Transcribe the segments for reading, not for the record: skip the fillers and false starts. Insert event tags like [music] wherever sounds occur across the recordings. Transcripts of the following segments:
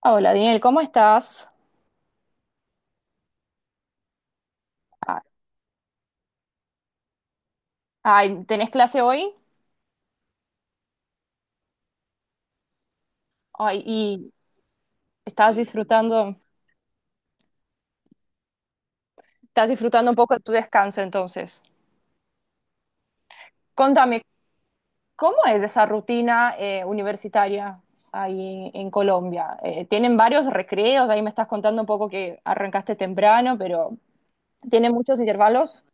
Hola, Daniel, ¿cómo estás? Ah. Ay, ¿tenés clase hoy? Ay, y estás disfrutando, estás disfrutando un poco de tu descanso entonces. Contame, ¿cómo es esa rutina universitaria ahí en Colombia? ¿Tienen varios recreos? Ahí me estás contando un poco que arrancaste temprano, pero ¿tienen muchos intervalos?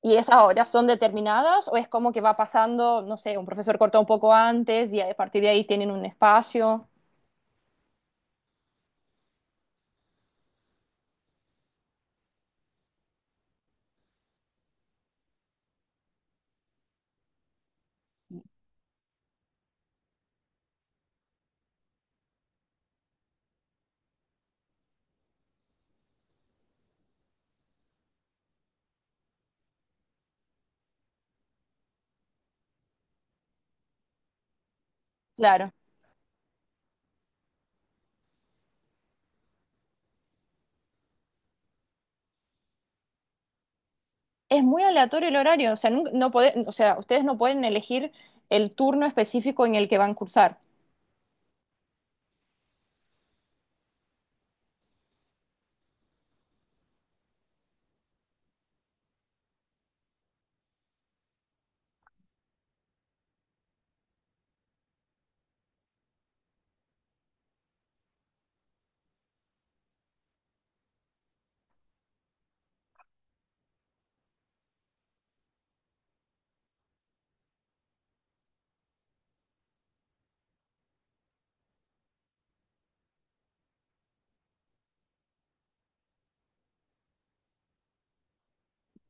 ¿Y esas horas son determinadas o es como que va pasando, no sé, un profesor corta un poco antes y a partir de ahí tienen un espacio? Claro. Es muy aleatorio el horario, o sea, nunca- no pode- o sea, ustedes no pueden elegir el turno específico en el que van a cursar.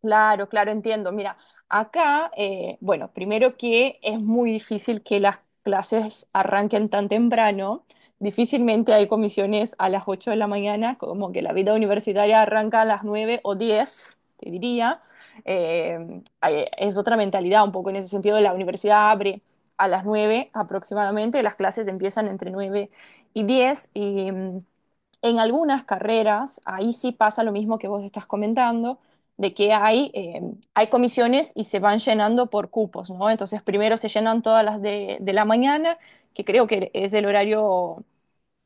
Claro, claro, entiendo. Mira, acá, bueno, primero que es muy difícil que las clases arranquen tan temprano. Difícilmente hay comisiones a las 8 de la mañana, como que la vida universitaria arranca a las 9 o 10, te diría. Es otra mentalidad un poco en ese sentido. La universidad abre a las 9 aproximadamente, las clases empiezan entre 9 y 10. En algunas carreras, ahí sí pasa lo mismo que vos estás comentando, de que hay comisiones y se van llenando por cupos, ¿no? Entonces primero se llenan todas las de la mañana, que creo que es el horario,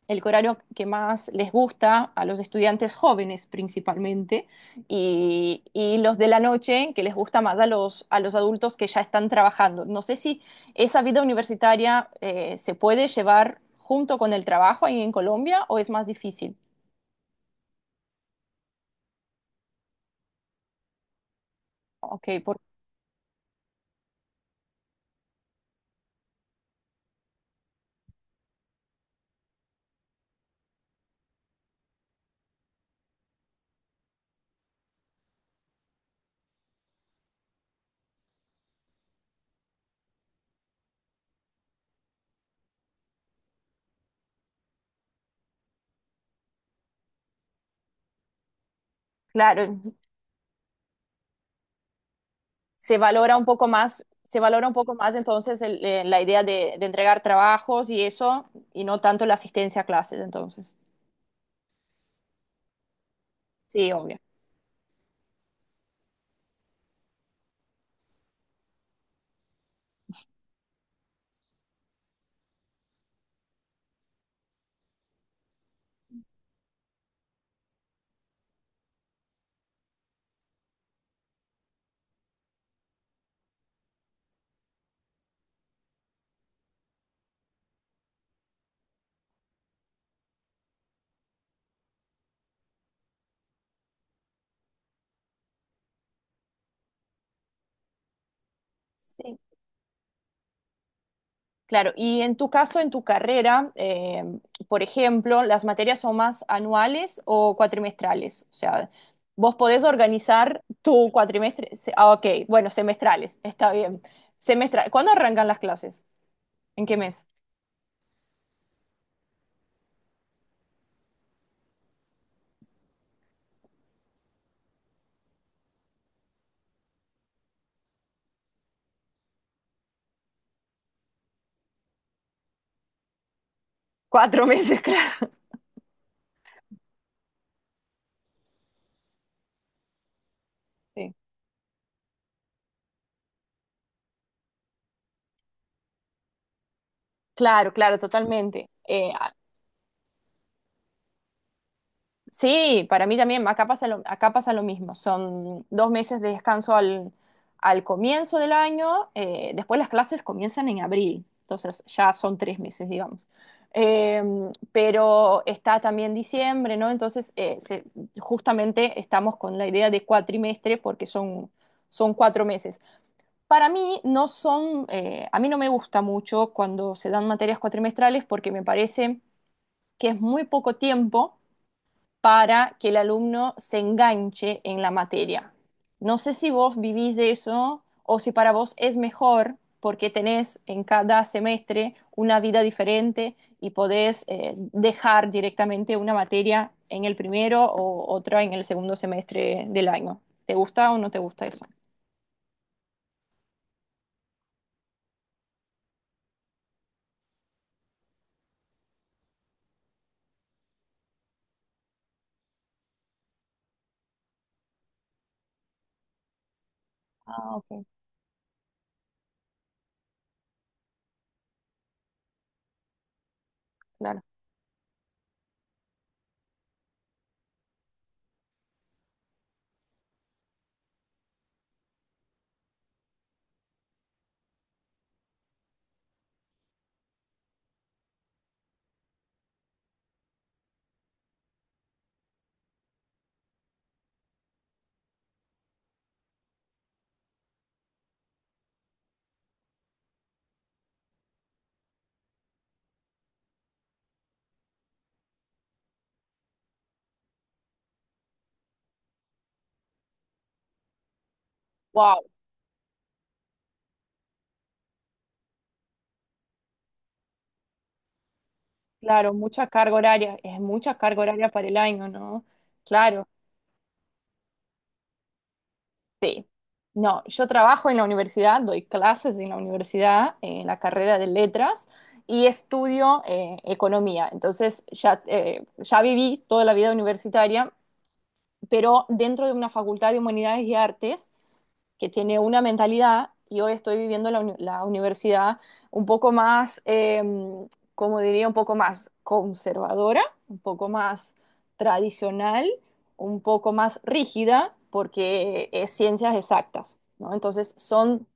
el horario que más les gusta a los estudiantes jóvenes principalmente, y los de la noche que les gusta más a los adultos que ya están trabajando. No sé si esa vida universitaria se puede llevar junto con el trabajo ahí en Colombia o es más difícil. Ok, claro, se valora un poco más entonces la idea de entregar trabajos y eso, y no tanto la asistencia a clases entonces. Sí, obvio. Sí, claro. Y en tu caso, en tu carrera, por ejemplo, ¿las materias son más anuales o cuatrimestrales? O sea, vos podés organizar tu cuatrimestre. Ah, ok, bueno, semestrales, está bien. Semestral. ¿Cuándo arrancan las clases? ¿En qué mes? Cuatro [laughs] meses, claro. Sí. Claro, claro, totalmente. Sí, para mí también, acá pasa lo mismo. Son 2 meses de descanso al comienzo del año, después las clases comienzan en abril, entonces ya son 3 meses, digamos. Eh, pero está también diciembre, ¿no? Entonces, justamente estamos con la idea de cuatrimestre porque son 4 meses. Para mí no son, a mí no me gusta mucho cuando se dan materias cuatrimestrales porque me parece que es muy poco tiempo para que el alumno se enganche en la materia. No sé si vos vivís de eso o si para vos es mejor porque tenés en cada semestre una vida diferente y podés dejar directamente una materia en el primero o otra en el segundo semestre del año. ¿Te gusta o no te gusta eso? Ah, ok, claro. Wow, claro, mucha carga horaria, es mucha carga horaria para el año, ¿no? Claro. Sí. No, yo trabajo en la universidad, doy clases en la universidad, en la carrera de letras y estudio economía. Entonces ya, ya viví toda la vida universitaria, pero dentro de una facultad de humanidades y artes que tiene una mentalidad y hoy estoy viviendo la universidad un poco más, como diría, un poco más conservadora, un poco más tradicional, un poco más rígida, porque es ciencias exactas, ¿no? Entonces son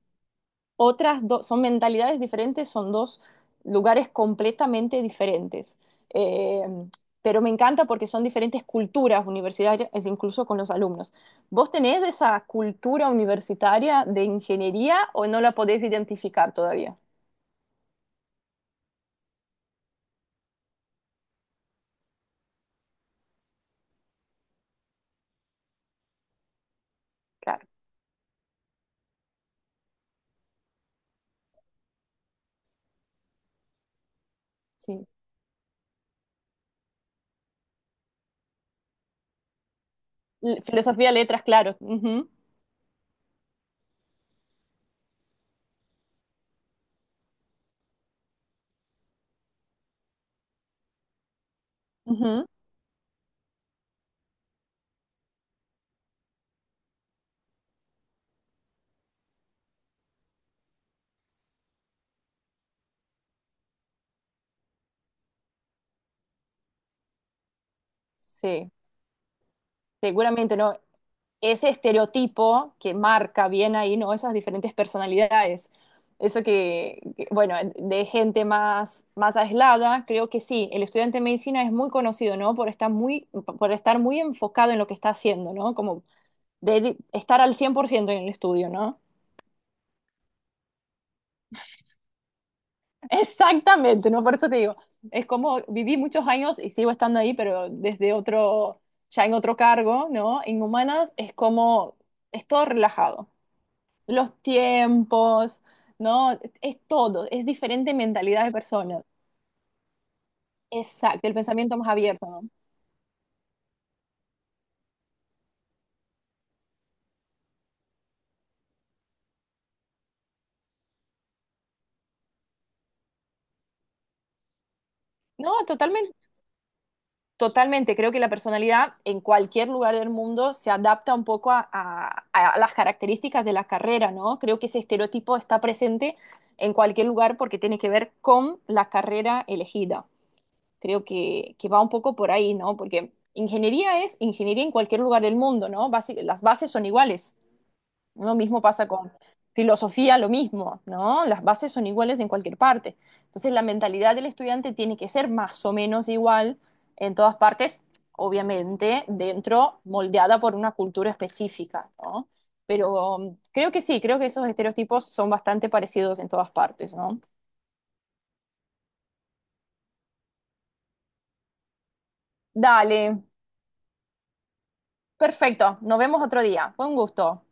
otras dos, son mentalidades diferentes, son dos lugares completamente diferentes. Eh, pero me encanta porque son diferentes culturas universitarias, es incluso con los alumnos. ¿Vos tenés esa cultura universitaria de ingeniería o no la podés identificar todavía? Claro, sí. Filosofía, letras, claro. Ujú, ujú. Sí, seguramente no. Ese estereotipo que marca bien ahí, ¿no? Esas diferentes personalidades. Eso bueno, de gente más, más aislada, creo que sí, el estudiante de medicina es muy conocido, ¿no? Por estar muy, enfocado en lo que está haciendo, ¿no? Como de estar al 100% en el estudio, ¿no? [laughs] Exactamente, ¿no? Por eso te digo, es como viví muchos años y sigo estando ahí, pero desde otro, ya en otro cargo, ¿no? En humanas es todo relajado. Los tiempos, ¿no? Es diferente mentalidad de personas. Exacto, el pensamiento más abierto, ¿no? No, totalmente, totalmente. Creo que la personalidad en cualquier lugar del mundo se adapta un poco a, a las características de la carrera, ¿no? Creo que ese estereotipo está presente en cualquier lugar porque tiene que ver con la carrera elegida. Creo que va un poco por ahí, ¿no? Porque ingeniería es ingeniería en cualquier lugar del mundo, ¿no? Las bases son iguales. Lo mismo pasa con filosofía, lo mismo, ¿no? Las bases son iguales en cualquier parte. Entonces, la mentalidad del estudiante tiene que ser más o menos igual en todas partes, obviamente, dentro, moldeada por una cultura específica, ¿no? Pero creo que sí, creo que esos estereotipos son bastante parecidos en todas partes, ¿no? Dale, perfecto, nos vemos otro día. Fue un gusto.